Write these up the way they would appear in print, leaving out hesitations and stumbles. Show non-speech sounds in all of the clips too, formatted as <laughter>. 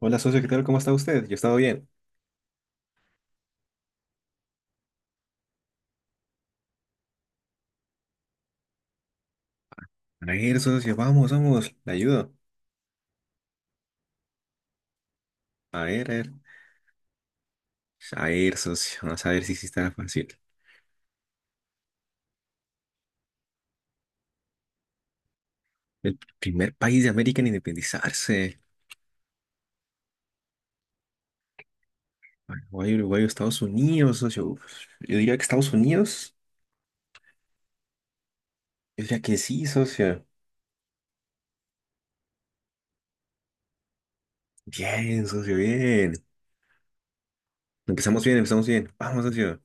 Hola, socio, ¿qué tal? ¿Cómo está usted? Yo he estado bien. A ver, socio, vamos, vamos, le ayudo. A ver, a ver. A ver, socio, vamos a ver si sí está fácil. El primer país de América en independizarse. Uruguay, Uruguay, Estados Unidos, socio. Uf, yo diría que Estados Unidos. Yo diría que sí, socio. Bien, socio, bien. Empezamos bien, empezamos bien. Vamos, socio.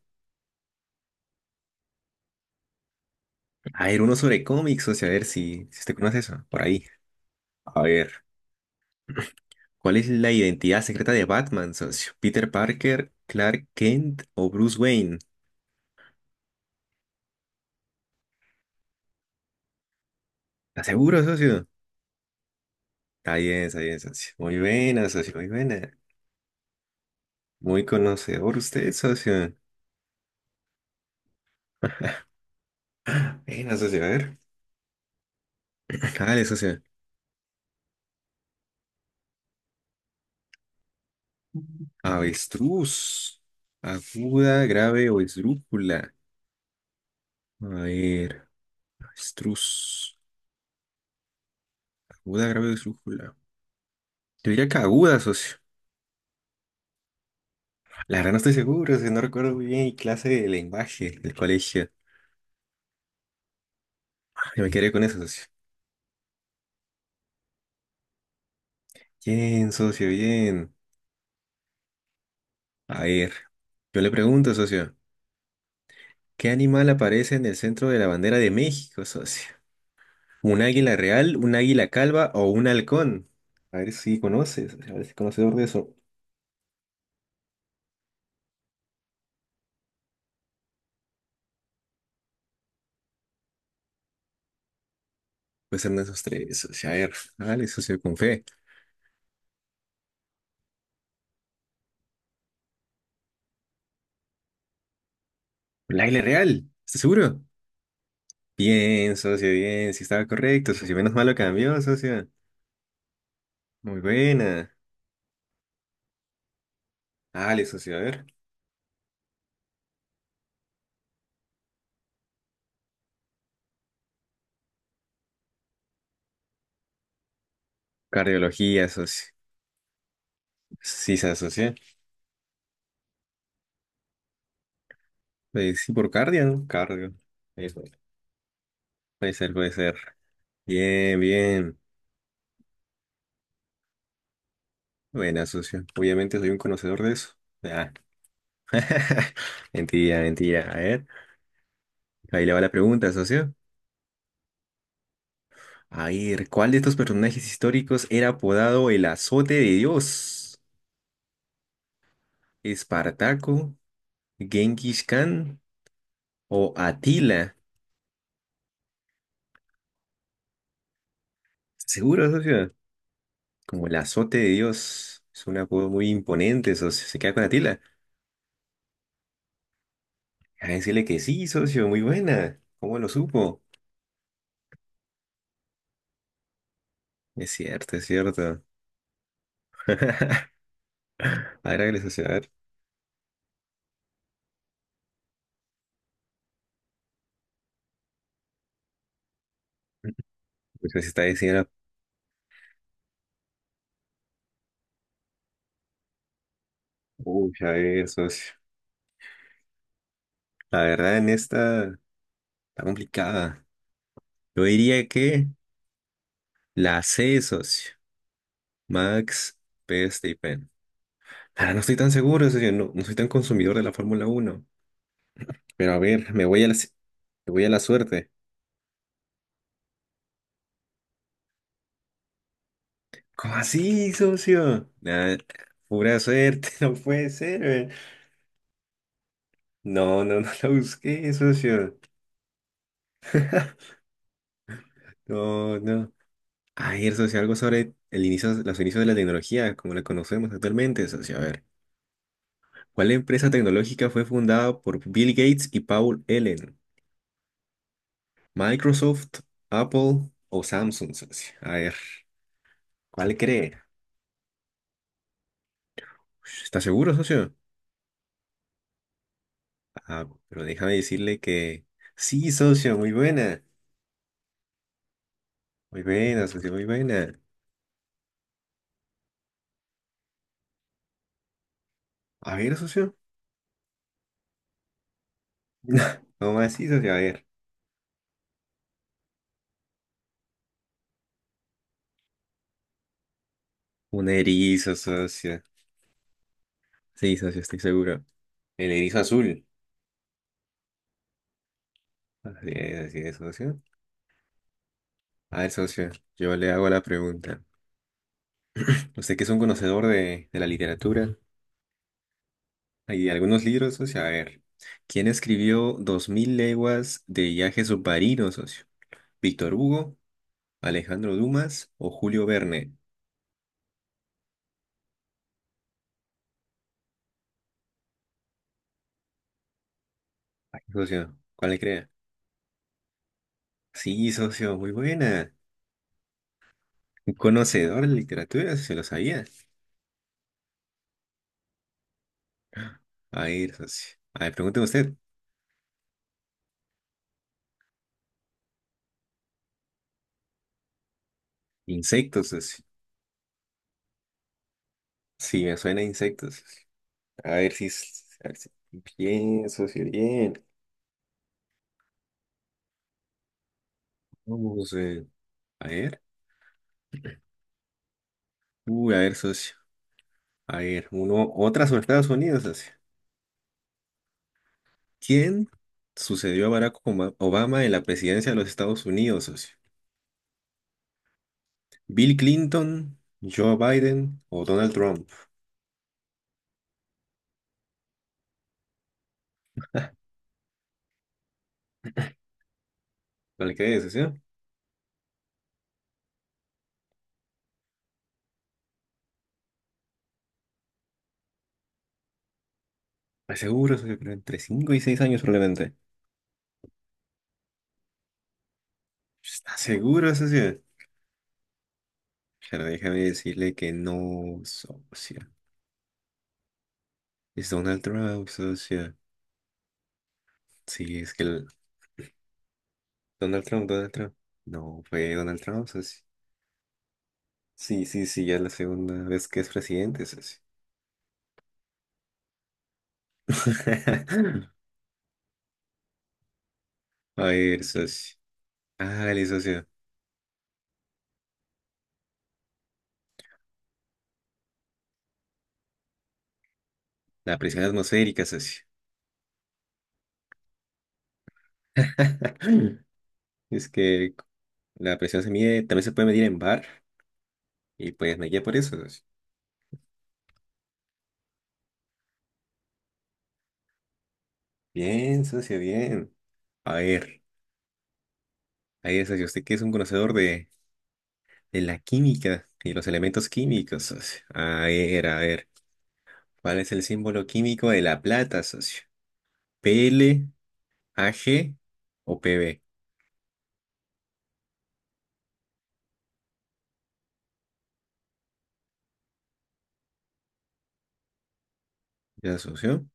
A ver, uno sobre cómics, socio, a ver si usted conoce eso. Por ahí. A ver. <clears throat> ¿Cuál es la identidad secreta de Batman, socio? ¿Peter Parker, Clark Kent o Bruce Wayne? ¿Estás seguro, socio? Está bien, socio. Muy buena, socio, muy buena. Muy conocedor usted, socio. Buena, socio, a ver. Dale, socio. Avestruz. Aguda, grave o esdrújula. A ver, avestruz. Aguda, grave o esdrújula. Yo diría que aguda, socio. La verdad no estoy seguro, socio. No recuerdo muy bien mi clase de lenguaje del colegio. Yo me quedé con eso, socio. Bien, socio, bien. A ver, yo le pregunto, socio. ¿Qué animal aparece en el centro de la bandera de México, socio? ¿Un águila real, un águila calva o un halcón? A ver si conoces, a ver si conocedor de eso. Pues ser esos tres, socio. A ver, vale, socio, con fe. ¿Un águila real? ¿Estás seguro? Bien, socio, bien, si estaba correcto, socio. Menos malo cambió, socio. Muy buena. Vale, socio, a ver. Cardiología, socio. Sí se asocia. Sí, por cardio, ¿no? Cardio. Eso. Puede ser, puede ser. Bien, bien. Buena, socio. Obviamente soy un conocedor de eso. Ah, <laughs> mentira, mentira. A ver, ahí le va la pregunta, socio. A ver, ¿cuál de estos personajes históricos era apodado el azote de Dios? ¿Espartaco, Genghis Khan o Atila? Seguro, socio. Como el azote de Dios. Es un apodo muy imponente, socio. ¿Se queda con Atila? A decirle que sí, socio. Muy buena. ¿Cómo lo supo? Es cierto, es cierto. <laughs> A ver, hágale, socio. A ver. Pues, se está diciendo. Uy, a ver, socio. La verdad en esta está complicada. Yo diría que la C, socio. Max Verstappen. Ahora no estoy tan seguro, socio. No, no soy tan consumidor de la Fórmula Uno. Pero a ver, me voy a la suerte. ¿Cómo así, socio? Nah, pura suerte, <laughs> no puede ser, eh. No, no, no la busqué, socio. <laughs> No, no. A ver, socio, algo sobre el inicio, los inicios de la tecnología, como la conocemos actualmente, socio. A ver. ¿Cuál empresa tecnológica fue fundada por Bill Gates y Paul Allen? Microsoft, Apple o Samsung, socio. A ver, ¿cuál cree? ¿Está seguro, socio? Ah, pero déjame decirle que sí, socio, muy buena. Muy buena, socio, muy buena. A ver, socio. <laughs> No más, sí, socio, a ver. Un erizo, socio. Sí, socio, estoy seguro. El erizo azul. Así es, socio. A ver, socio, yo le hago la pregunta. Usted que es un conocedor de la literatura, hay algunos libros, socio. A ver, ¿quién escribió 2000 leguas de viaje submarino, socio? ¿Víctor Hugo, Alejandro Dumas o Julio Verne? Ay, socio, ¿cuál le crea? Sí, socio, muy buena. Un conocedor de literatura, se lo sabía. A ver, socio. A ver, pregúnteme usted. Insectos, socio. Sí, me suena a insectos, socio. A ver si... es- a ver si... Bien, socio, bien. Vamos, eh. A ver. Uy, a ver, socio. A ver, uno, otra sobre Estados Unidos, socio. ¿Quién sucedió a Barack Obama en la presidencia de los Estados Unidos, socio? ¿Bill Clinton, Joe Biden o Donald Trump? ¿Cuál crees, socio? ¿Estás seguro, socio? Pero entre 5 y 6 años probablemente. ¿Estás seguro, socio? Pero déjame decirle que no, socio. Es Donald Trump, socio. Sí, es que el... Donald Trump, Donald Trump. No, fue Donald Trump, socio. Sí, sí, sí, ya es la segunda vez que es presidente, socio. <laughs> A ver, socio. Hágale, socio. La presión atmosférica, socio. <clears throat> Es que la presión se mide, también se puede medir en bar y pues me guía por eso, socio. Bien, socio, bien. A ver, ahí es, socio, usted que es un conocedor de la química y los elementos químicos, socio. A ver, ¿cuál es el símbolo químico de la plata, socio? P L A G o P B. ¿Ya, socio?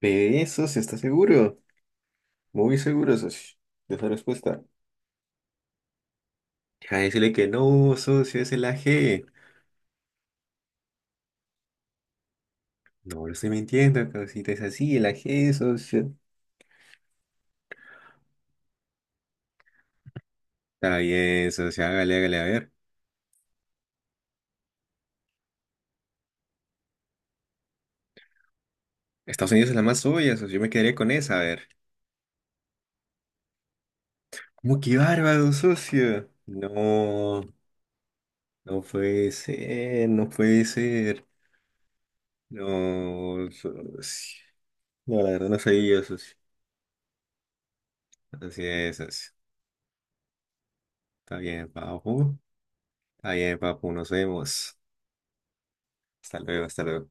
P PB, socio, ¿está seguro? Muy seguro, socio, de esa respuesta. Deja de decirle que no, socio, es el A G. No lo estoy mintiendo, causita, es así, el AG, socio. Está bien, socio, hágale, hágale, a ver. Estados Unidos es la más suya, socio, yo me quedaría con esa, a ver. ¿Cómo que bárbaro, socio? No, no puede ser, no puede ser. No, socio. No, la verdad no sabía, socio. Así es, socio. Está bien, papu. Está bien, papu, nos vemos. Hasta luego, hasta luego.